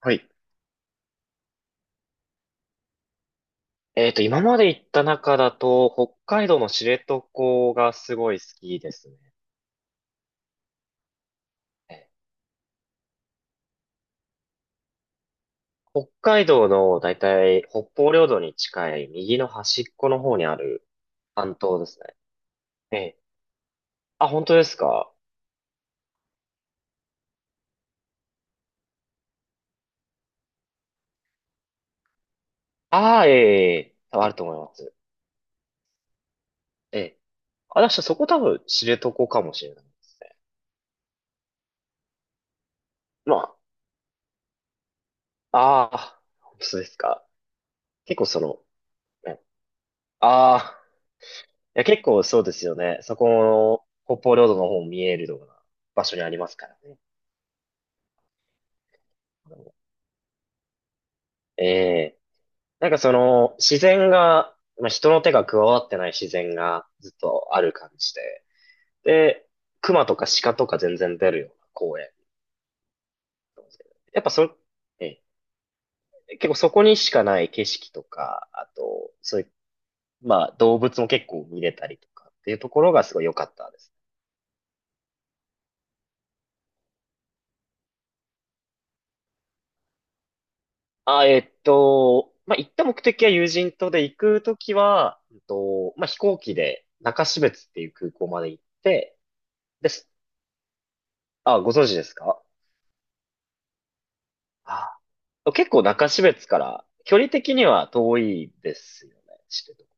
はい。今まで行った中だと、北海道の知床がすごい好きですね。北海道のだいたい北方領土に近い右の端っこの方にある半島ですね。ええ。あ、本当ですか？ああ、ええ、ええ多分あると思います。ええ。あ、だからそこ多分知床かもしれないです。まあ、ああ、そうですか。結構その、ね、ああ、いや結構そうですよね。そこの北方領土の方も見えるような場所にありますからね。ええ。なんかその、自然が、まあ、人の手が加わってない自然がずっとある感じで。で、熊とか鹿とか全然出るような公園。やっぱそ、ええ、結構そこにしかない景色とか、あと、そういう、まあ動物も結構見れたりとかっていうところがすごい良かったです。あ、まあ行った目的は友人とで行くときは、まあ飛行機で中標津っていう空港まで行って、です。あ、ご存知ですか？あ、結構中標津から距離的には遠いですよね。知ってるとこ、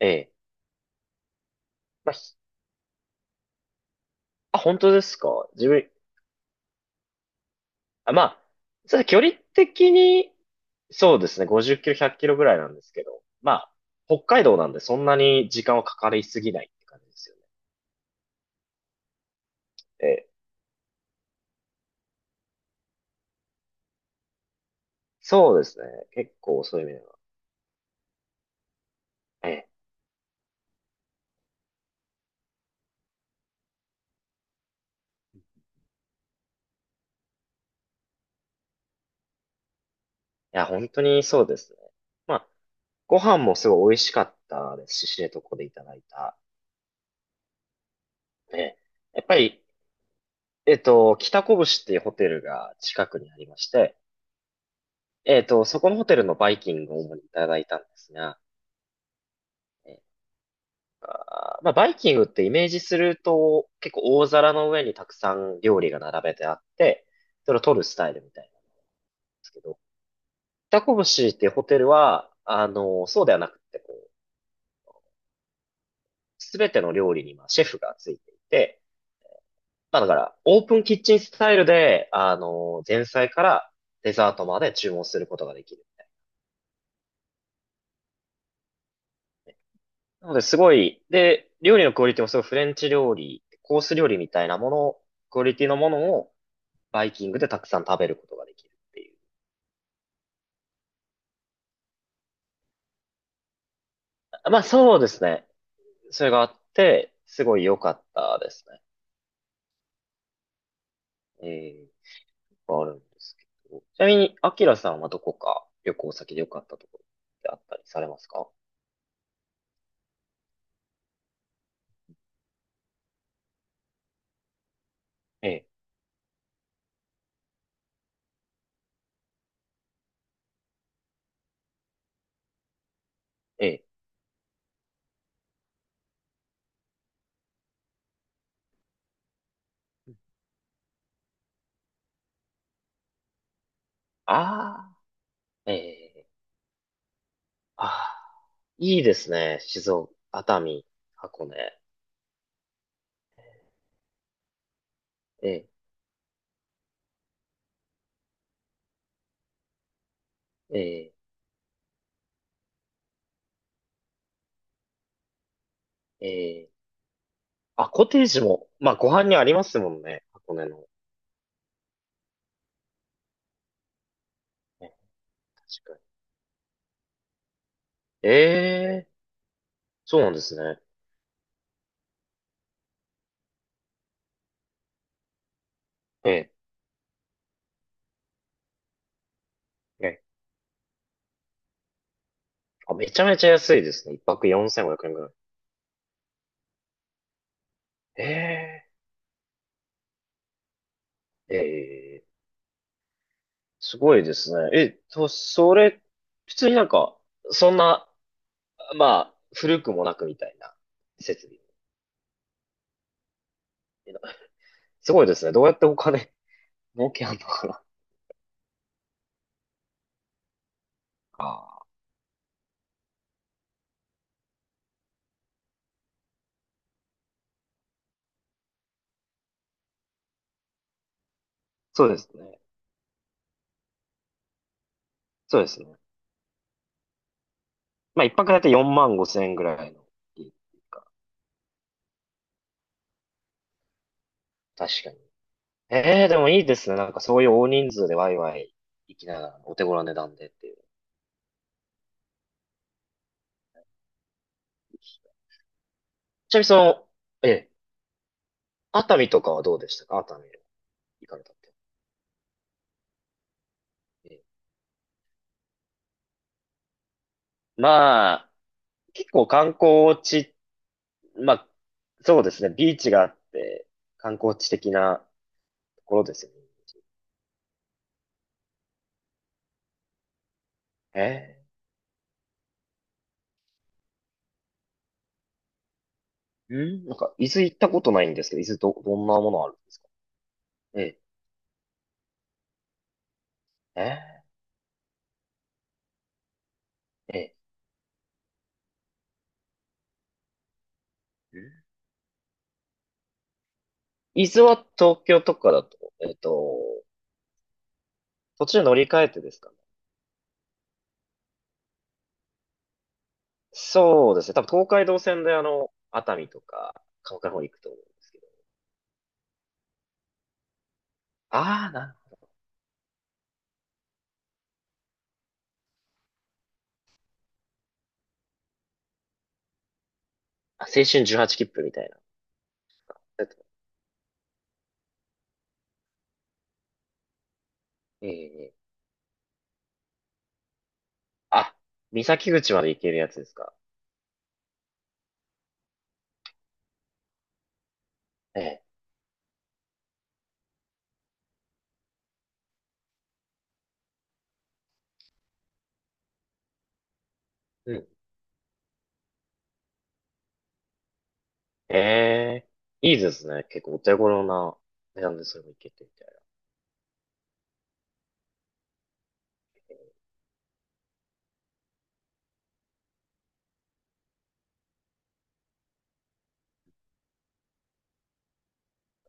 ええ。まあ、ひあ、本当ですか？自分、あ、まあ、そう距離的に、そうですね、50キロ、100キロぐらいなんですけど、まあ、北海道なんでそんなに時間はかかりすぎないって感じですよね。ええ。そうですね。結構そういう意味では。ええ。いや、本当にそうですね。まあ、ご飯もすごい美味しかったですし、知床でいただいた。ええ。やっぱり、北こぶしっていうホテルが近くにありまして、そこのホテルのバイキングを主にいただいたんですが、えーまあ、バイキングってイメージすると、結構大皿の上にたくさん料理が並べてあって、それを取るスタイルみたいなんですけど、北こぶしっていうホテルは、あの、そうではなくて、こう、すべての料理にまあシェフがついていて、まあだから、オープンキッチンスタイルで、あの、前菜からデザートまで注文することができる。なので、すごい、で、料理のクオリティもすごいフレンチ料理、コース料理みたいなもの、クオリティのものをバイキングでたくさん食べることができるっていう。あ、まあ、そうですね。それがあって、すごい良かったですね。ええ、あるんですけど。ちなみに、アキラさんはどこか旅行先で良かったところってあったりされますか？ええ、ええ。ああ、ええ、ああ、いいですね。静岡、熱海、箱根。ええ、ええ、ええ。あ、コテージも、まあ、ご飯にありますもんね。箱根の。ね、確かに。ええ、そうなんですね。ええ。ええ、あ、めちゃめちゃ安いですね。一泊4500円ぐらい。ええ、ええ、すごいですね。え、と、それ、普通になんか、そんな、まあ、古くもなくみたいな設備。すごいですね。どうやってお金儲けあんのかな。ああ、そうですね。そうですね。まあ、一泊だいたい4万5千円ぐらいの利益っていうか。確かに。ええ、でもいいですね。なんかそういう大人数でワイワイ行きながら、お手頃な値段でっていう。ちなみにその、ええ、熱海とかはどうでしたか？熱海行かれたって。ええ、まあ、結構観光地、まあ、そうですね。ビーチがあって、観光地的なところですよね。ええ、うん、なんか、伊豆行ったことないんですけど、伊豆ど、どんなものあるんですか？ええ、ええ、ええ。うん、伊豆は東京とかだと、途中乗り換えてですか？そうですね。多分東海道線であの、熱海とか、鹿児島の方行くと思うんですけど。ああ、なるほど。あ、青春18切符みたいな。えっと、ええええ、あ、三崎口まで行けるやつですか。ええ。うん。ええ、いいですね。結構お手頃な値段でそれも行けてみたい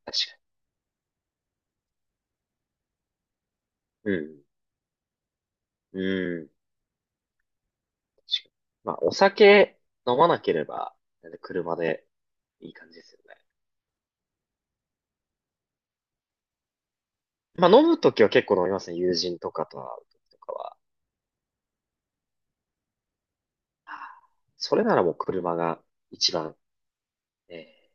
な。確かに。うん。うん。確かに。まあ、お酒飲まなければ、車でいい感じですよね。まあ、飲むときは結構飲みますね。友人とかと会うときとかは。それならもう車が一番。え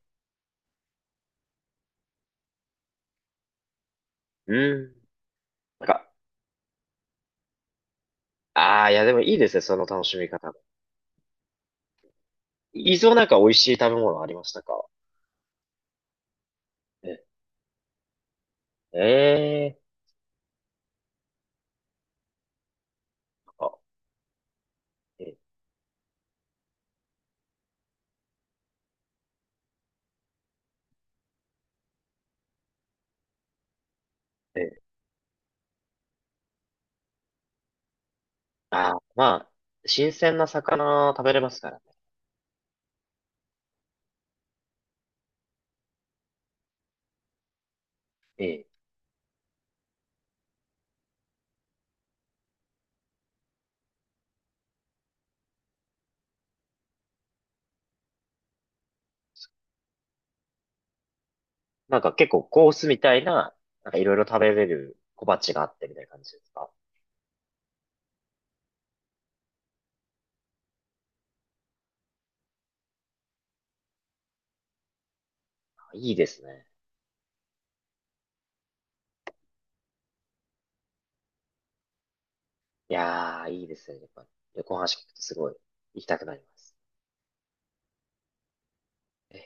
ー、うん。なんか、ああ、いやでもいいですね、その楽しみ方も。いずれなんか美味しい食べ物ありましたか？ええ、えー、なんか、えー、えー、ああ、まあ、新鮮な魚食べれますからね。ええ、なんか結構コースみたいな、なんかいろいろ食べれる小鉢があってみたいな感じですか？あ、いいですね。いやー、いいですね。やっぱり、旅行の話聞くとすごい行きたくなります。えー